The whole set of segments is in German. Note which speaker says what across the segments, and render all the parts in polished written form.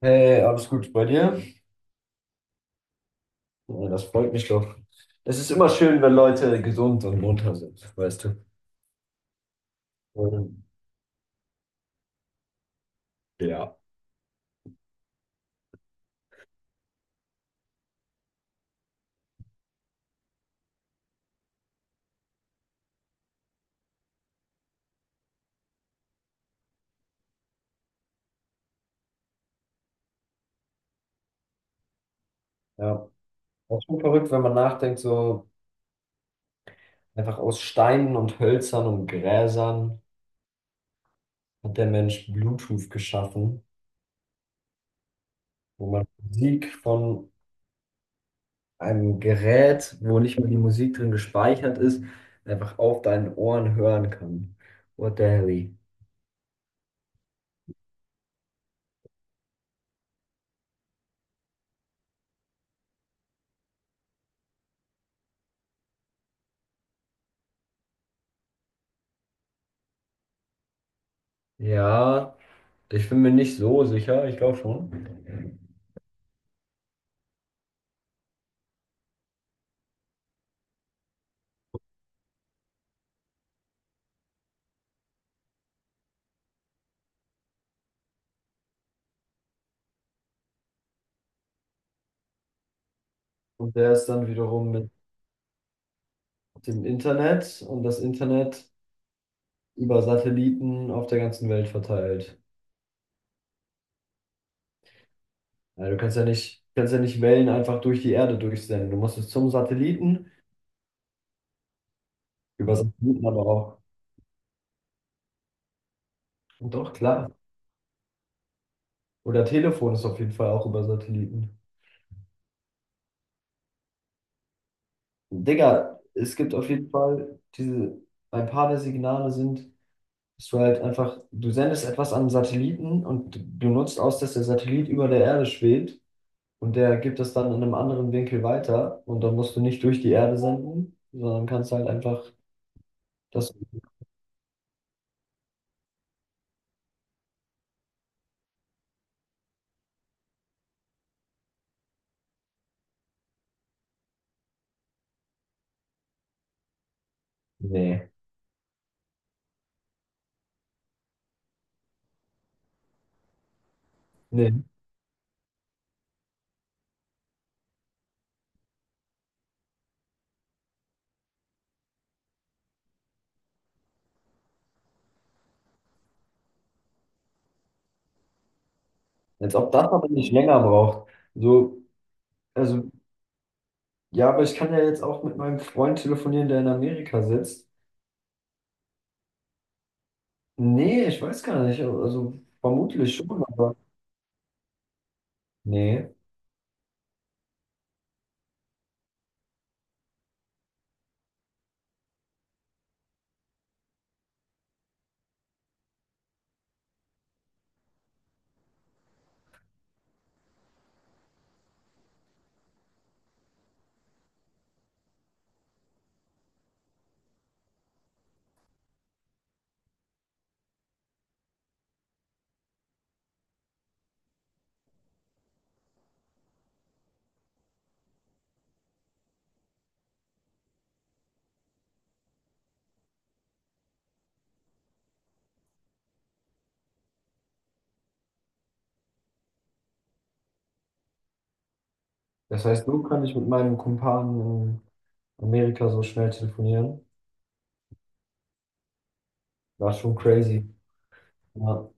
Speaker 1: Hey, alles gut bei dir? Ja, das freut mich doch. Es ist immer schön, wenn Leute gesund und munter sind, weißt du. Und ja. Ja, auch schon verrückt, wenn man nachdenkt, so einfach aus Steinen und Hölzern und Gräsern hat der Mensch Bluetooth geschaffen, wo man Musik von einem Gerät, wo nicht mehr die Musik drin gespeichert ist, einfach auf deinen Ohren hören kann. What the hell? Ja, ich bin mir nicht so sicher, ich glaube schon. Und der ist dann wiederum mit dem Internet und das Internet über Satelliten auf der ganzen Welt verteilt. Also du kannst ja nicht Wellen einfach durch die Erde durchsenden. Du musst es zum Satelliten, über Satelliten aber auch. Und doch, klar. Oder Telefon ist auf jeden Fall auch über Satelliten. Digga, es gibt auf jeden Fall diese, ein paar der Signale sind, dass du halt einfach, du sendest etwas an einen Satelliten und du nutzt aus, dass der Satellit über der Erde schwebt. Und der gibt es dann in einem anderen Winkel weiter. Und dann musst du nicht durch die Erde senden, sondern kannst halt einfach das. Nee, nee. Als ob das aber nicht länger braucht. So, also, ja, aber ich kann ja jetzt auch mit meinem Freund telefonieren, der in Amerika sitzt. Nee, ich weiß gar nicht. Also, vermutlich schon, aber. Nee. Das heißt, so kann ich mit meinem Kumpan in Amerika so schnell telefonieren. War schon crazy. Ja,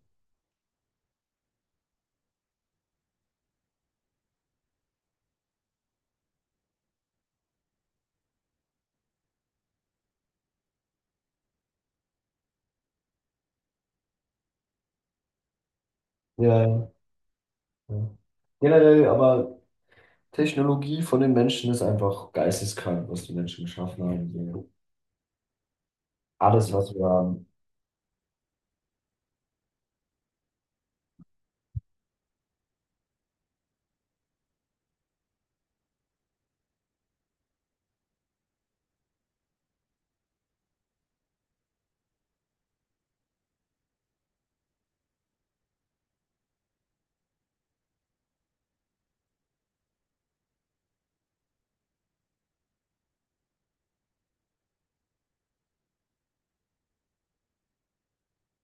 Speaker 1: ja. Ja. Generell, aber Technologie von den Menschen ist einfach geisteskrank, was die Menschen geschaffen haben. So. Alles, was wir haben.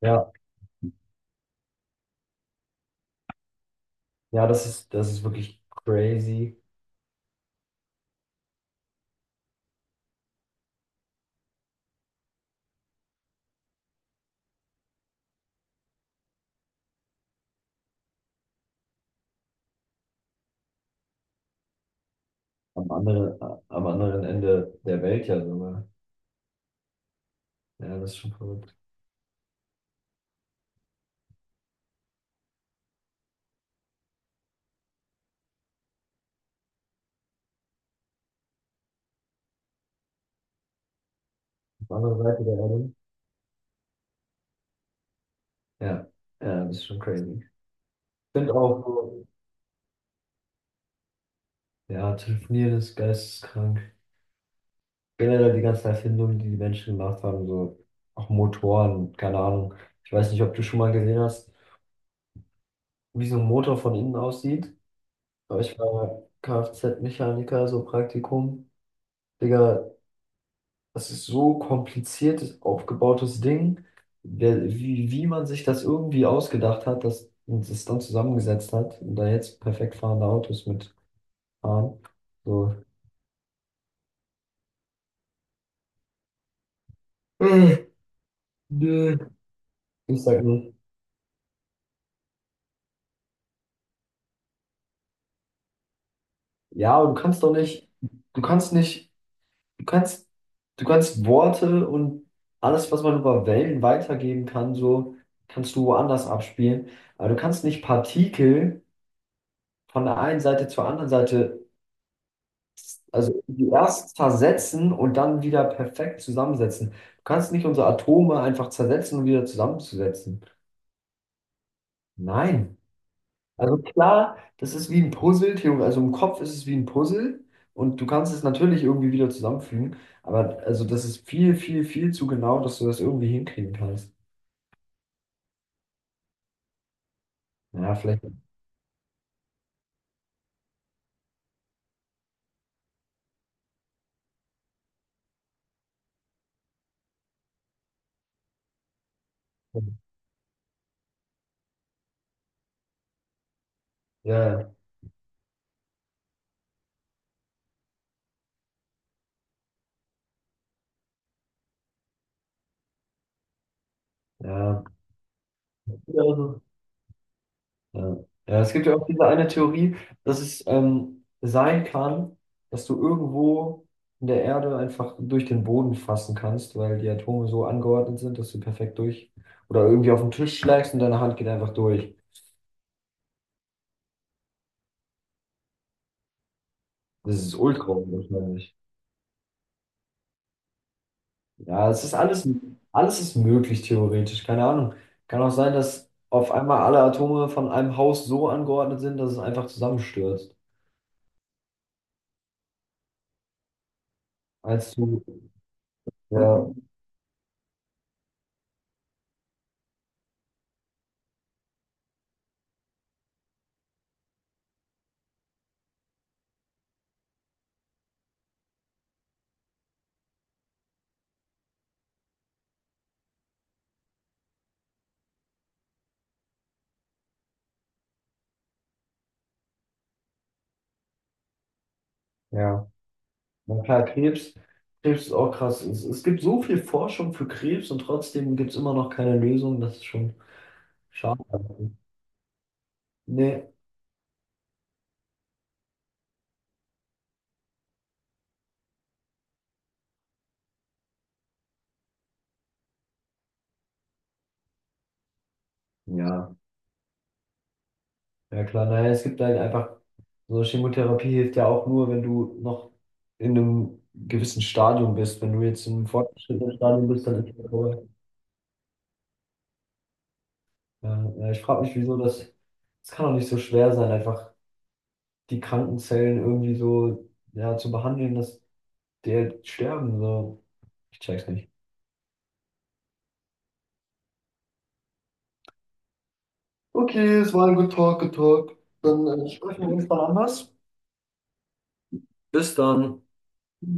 Speaker 1: Ja, ja, das ist wirklich crazy. Am anderen, am anderen Ende der Welt ja sogar. Ja, das ist schon verrückt. Auf der anderen Seite der Erde. Ja, ja, das ist schon crazy. Ich finde auch, so, ja, telefonieren ist geisteskrank. Generell die ganzen Erfindungen, die die Menschen gemacht haben, so auch Motoren, keine Ahnung. Ich weiß nicht, ob du schon mal gesehen hast, wie so ein Motor von innen aussieht. Aber ich war Kfz-Mechaniker, so Praktikum. Digga, das ist so kompliziertes, aufgebautes Ding, wie man sich das irgendwie ausgedacht hat, dass und es dann zusammengesetzt hat und da jetzt perfekt fahrende Autos mit fahren. So. Äh, Nö. Ich sag nur, ja, aber du kannst doch nicht, du kannst nicht, du kannst, du kannst Worte und alles, was man über Wellen weitergeben kann, so kannst du woanders abspielen. Aber du kannst nicht Partikel von der einen Seite zur anderen Seite, also die erst zersetzen und dann wieder perfekt zusammensetzen. Du kannst nicht unsere Atome einfach zersetzen und wieder zusammenzusetzen. Nein. Also klar, das ist wie ein Puzzle, also im Kopf ist es wie ein Puzzle und du kannst es natürlich irgendwie wieder zusammenfügen, aber also das ist viel, viel, viel zu genau, dass du das irgendwie hinkriegen kannst. Ja, vielleicht. Ja, ja. Ja, Ja. Ja, es gibt ja auch diese eine Theorie, dass es sein kann, dass du irgendwo in der Erde einfach durch den Boden fassen kannst, weil die Atome so angeordnet sind, dass du perfekt durch oder irgendwie auf den Tisch schlägst und deine Hand geht einfach durch. Das ist ultra unwahrscheinlich. Ja, alles ist möglich theoretisch, keine Ahnung. Kann auch sein, dass auf einmal alle Atome von einem Haus so angeordnet sind, dass es einfach zusammenstürzt. Als du, ja, ja. Na klar, Krebs ist auch krass. Es gibt so viel Forschung für Krebs und trotzdem gibt es immer noch keine Lösung. Das ist schon schade. Nee, ja, ja klar. Naja, es gibt halt einfach, so Chemotherapie hilft ja auch nur, wenn du noch in einem gewissen Stadium bist. Wenn du jetzt im fortgeschrittenen Stadium bist, dann ist das vorbei. Ja, ja, ich frage mich, wieso das kann doch nicht so schwer sein, einfach die kranken Zellen irgendwie so ja, zu behandeln, dass die halt sterben. So. Ich check's nicht. Okay, es war ein Good Talk, Good Talk. Dann sprechen wir uns mal anders. Bis dann.